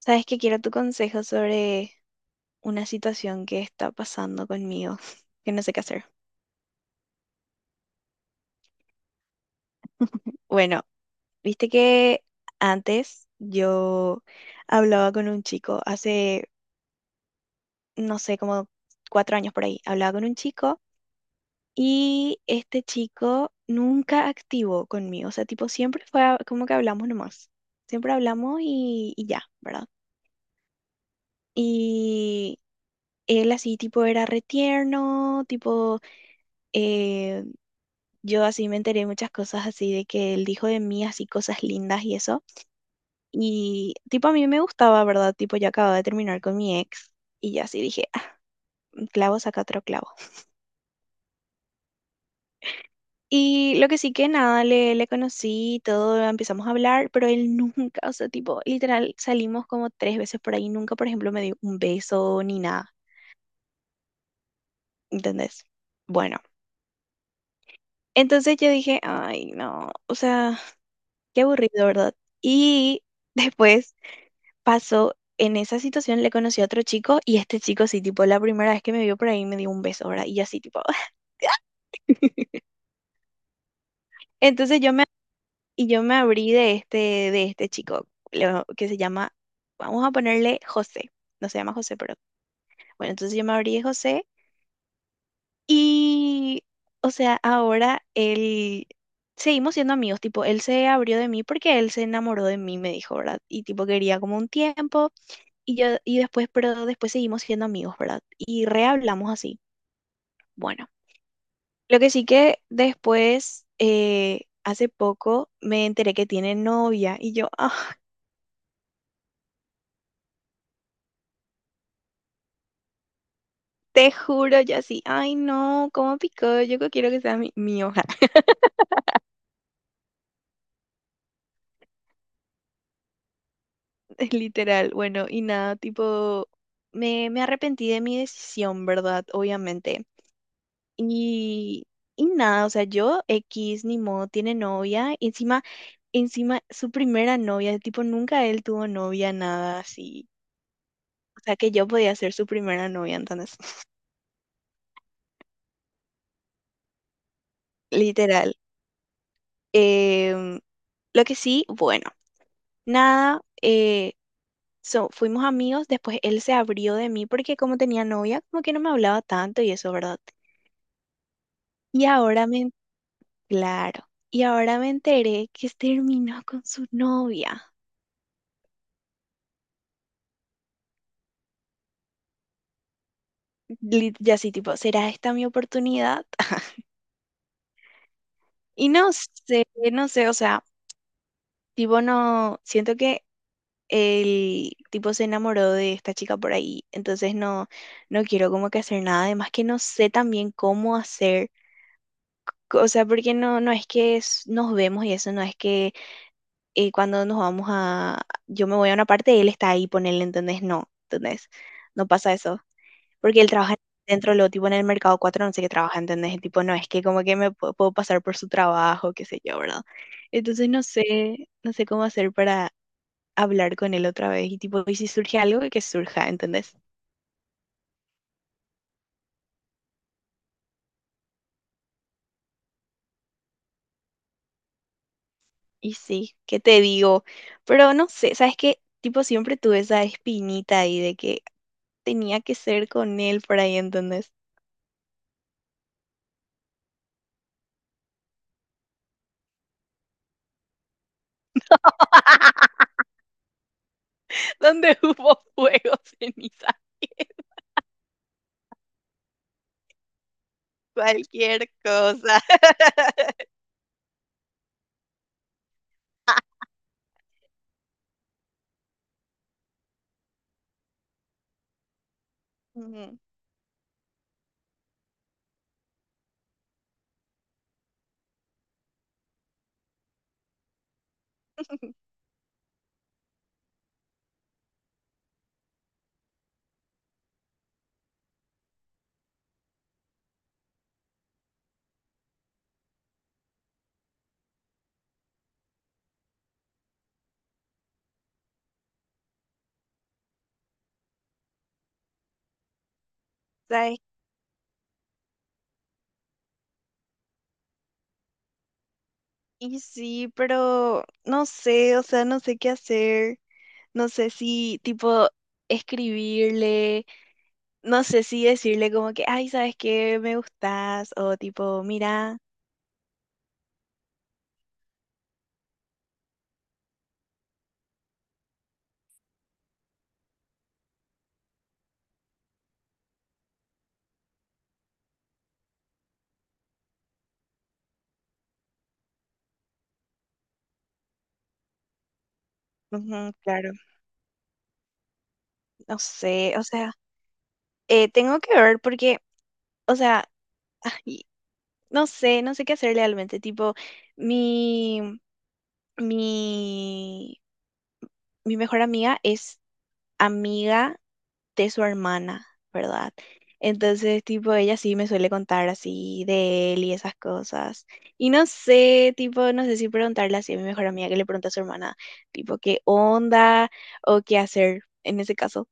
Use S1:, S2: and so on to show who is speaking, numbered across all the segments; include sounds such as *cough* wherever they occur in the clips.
S1: Sabes que quiero tu consejo sobre una situación que está pasando conmigo, *laughs* que no sé qué hacer. Bueno, viste que antes yo hablaba con un chico, hace, no sé, como cuatro años por ahí, hablaba con un chico y este chico nunca activó conmigo, o sea, tipo, siempre fue como que hablamos nomás, siempre hablamos y ya, ¿verdad? Y él así, tipo, era retierno, tipo... eh, yo así me enteré muchas cosas así de que él dijo de mí, así cosas lindas y eso. Y tipo a mí me gustaba, ¿verdad? Tipo yo acababa de terminar con mi ex y ya así dije: "Ah, un clavo saca otro clavo". Y lo que sí que nada, le conocí, y todo, empezamos a hablar, pero él nunca, o sea, tipo, literal salimos como tres veces por ahí, nunca, por ejemplo, me dio un beso ni nada, ¿entendés? Bueno, entonces yo dije, ay, no, o sea, qué aburrido, ¿verdad? Y después pasó en esa situación, le conocí a otro chico y este chico sí, tipo, la primera vez que me vio por ahí me dio un beso, ¿verdad? Y yo así, tipo, *laughs* entonces y yo me abrí de este chico, que se llama, vamos a ponerle José, no se llama José, pero bueno, entonces yo me abrí de José y, o sea, ahora él, seguimos siendo amigos, tipo, él se abrió de mí porque él se enamoró de mí, me dijo, ¿verdad? Y tipo, quería como un tiempo. Pero después seguimos siendo amigos, ¿verdad? Y rehablamos así. Bueno, lo que sí que después, hace poco, me enteré que tiene novia y yo, ah, *laughs* te juro, yo así, ay no, cómo picó, yo que quiero que sea mi hoja, *laughs* literal. Bueno, y nada, tipo, me arrepentí de mi decisión, ¿verdad? Obviamente. Y, y nada, o sea, yo, X, ni modo, tiene novia, y encima, encima, su primera novia, tipo, nunca él tuvo novia, nada así. O sea, que yo podía ser su primera novia, entonces. *laughs* Literal. Em, lo que sí, bueno, nada, fuimos amigos, después él se abrió de mí porque como tenía novia, como que no me hablaba tanto y eso, ¿verdad? Y claro, y ahora me enteré que terminó con su novia. Ya así, tipo, ¿será esta mi oportunidad? *laughs* Y no sé, no sé, o sea, tipo, no, siento que el tipo se enamoró de esta chica por ahí, entonces no, no quiero como que hacer nada, además que no sé también cómo hacer. O sea, porque no, no es que nos vemos y eso, no es que cuando nos vamos a, yo me voy a una parte, él está ahí, ponele, ¿entendés? No, ¿entendés? No pasa eso. Porque él trabaja dentro, lo tipo en el mercado 4, no sé qué trabaja, ¿entendés? Y tipo, no es que como que me puedo pasar por su trabajo, qué sé yo, ¿verdad? Entonces no sé, no sé cómo hacer para hablar con él otra vez y tipo, y si surge algo, que surja, ¿entendés? Y sí, ¿qué te digo? Pero no sé, ¿sabes qué? Tipo, siempre tuve esa espinita ahí de que tenía que ser con él por ahí, ¿entendés? *laughs* Donde hubo fuego, ceniza, *laughs* cualquier cosa. *laughs* Ujú. ¿Sabes? Y sí, pero no sé, o sea, no sé qué hacer. No sé si, tipo, escribirle, no sé si decirle como que, ay, ¿sabes qué? Me gustas, o tipo, mira, ujú, claro, no sé, o sea, tengo que ver porque, o sea, *laughs* no sé, no sé qué hacer realmente. Tipo, mi, mi, mi mejor amiga es amiga de su hermana, ¿verdad? Entonces, tipo, ella sí me suele contar así de él y esas cosas. Y no sé, tipo, no sé si preguntarle así a mi mejor amiga que le pregunta a su hermana, tipo, qué onda o qué hacer en ese caso.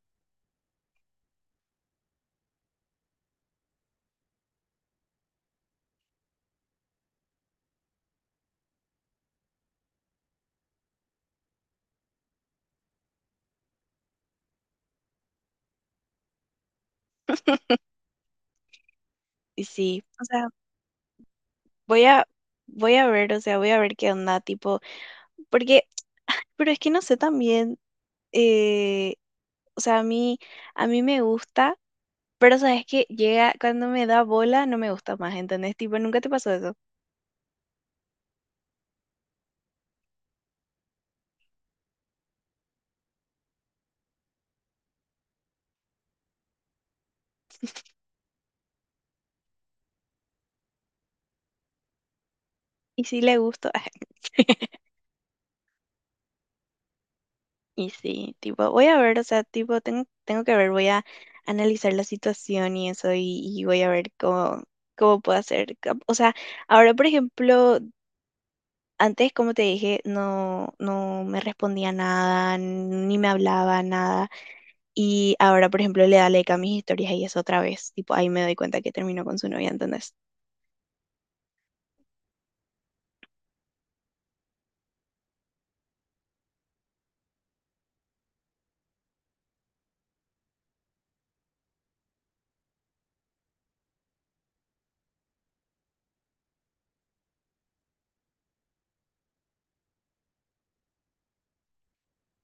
S1: Y sí, o sea, voy a, voy a ver, o sea, voy a ver qué onda, tipo, porque, pero es que no sé también, eh, o sea, a mí me gusta, pero sabes que llega, cuando me da bola, no me gusta más, ¿entendés? Tipo, nunca te pasó eso. Y sí le gusto, *laughs* y sí, tipo, voy a ver, o sea, tipo, tengo que ver, voy a analizar la situación y eso, y voy a ver cómo, cómo puedo hacer. O sea, ahora, por ejemplo, antes, como te dije, no, no me respondía nada, ni me hablaba nada. Y ahora, por ejemplo, le da like a mis historias y eso otra vez. Tipo, ahí me doy cuenta que terminó con su novia, ¿entendés?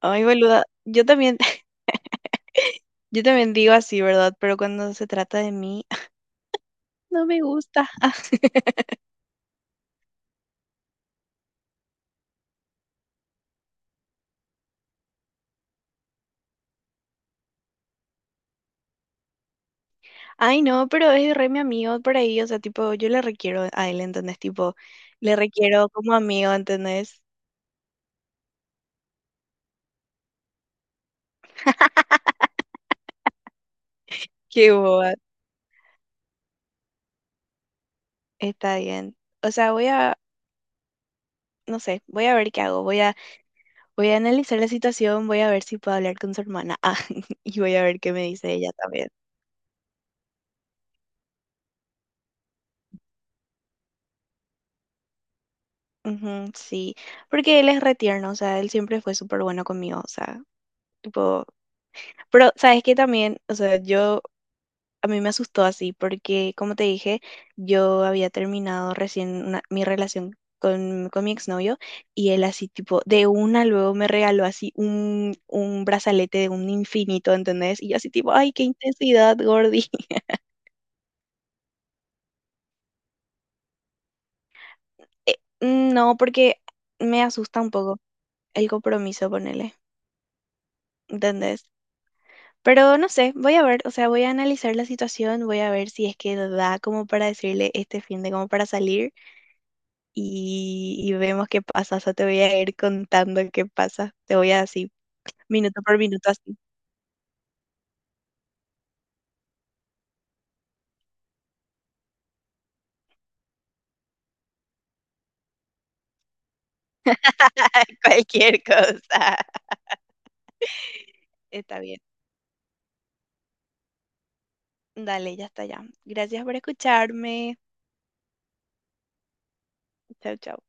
S1: Ay, boluda, yo también, *laughs* yo también digo así, ¿verdad? Pero cuando se trata de mí, *laughs* no me gusta. Ay, no, pero es re mi amigo por ahí, o sea, tipo, yo le requiero a él, ¿entendés? Tipo, le requiero como amigo, ¿entendés? Qué boba. Está bien. O sea, no sé, voy a ver qué hago. Voy a analizar la situación, voy a ver si puedo hablar con su hermana. *laughs* Ah, y voy a ver qué me dice ella también. Ujú, sí, porque él es re tierno, o sea, él siempre fue súper bueno conmigo, o sea, tipo, pero sabes que también, o sea, yo a mí me asustó así porque, como te dije, yo había terminado recién mi relación con mi exnovio y él así tipo, de una luego me regaló así un brazalete de un infinito, ¿entendés? Y yo así tipo, ay, qué intensidad, Gordy. *laughs* Eh, no, porque me asusta un poco el compromiso, ponele, ¿entendés? Pero no sé, voy a ver, o sea, voy a analizar la situación, voy a ver si es que da como para decirle este fin de como para salir, y vemos qué pasa. O sea, te voy a ir contando qué pasa. Te voy a así, minuto por minuto, así, *laughs* cualquier cosa. Está bien. Dale, ya está ya. Gracias por escucharme. Chau, chau.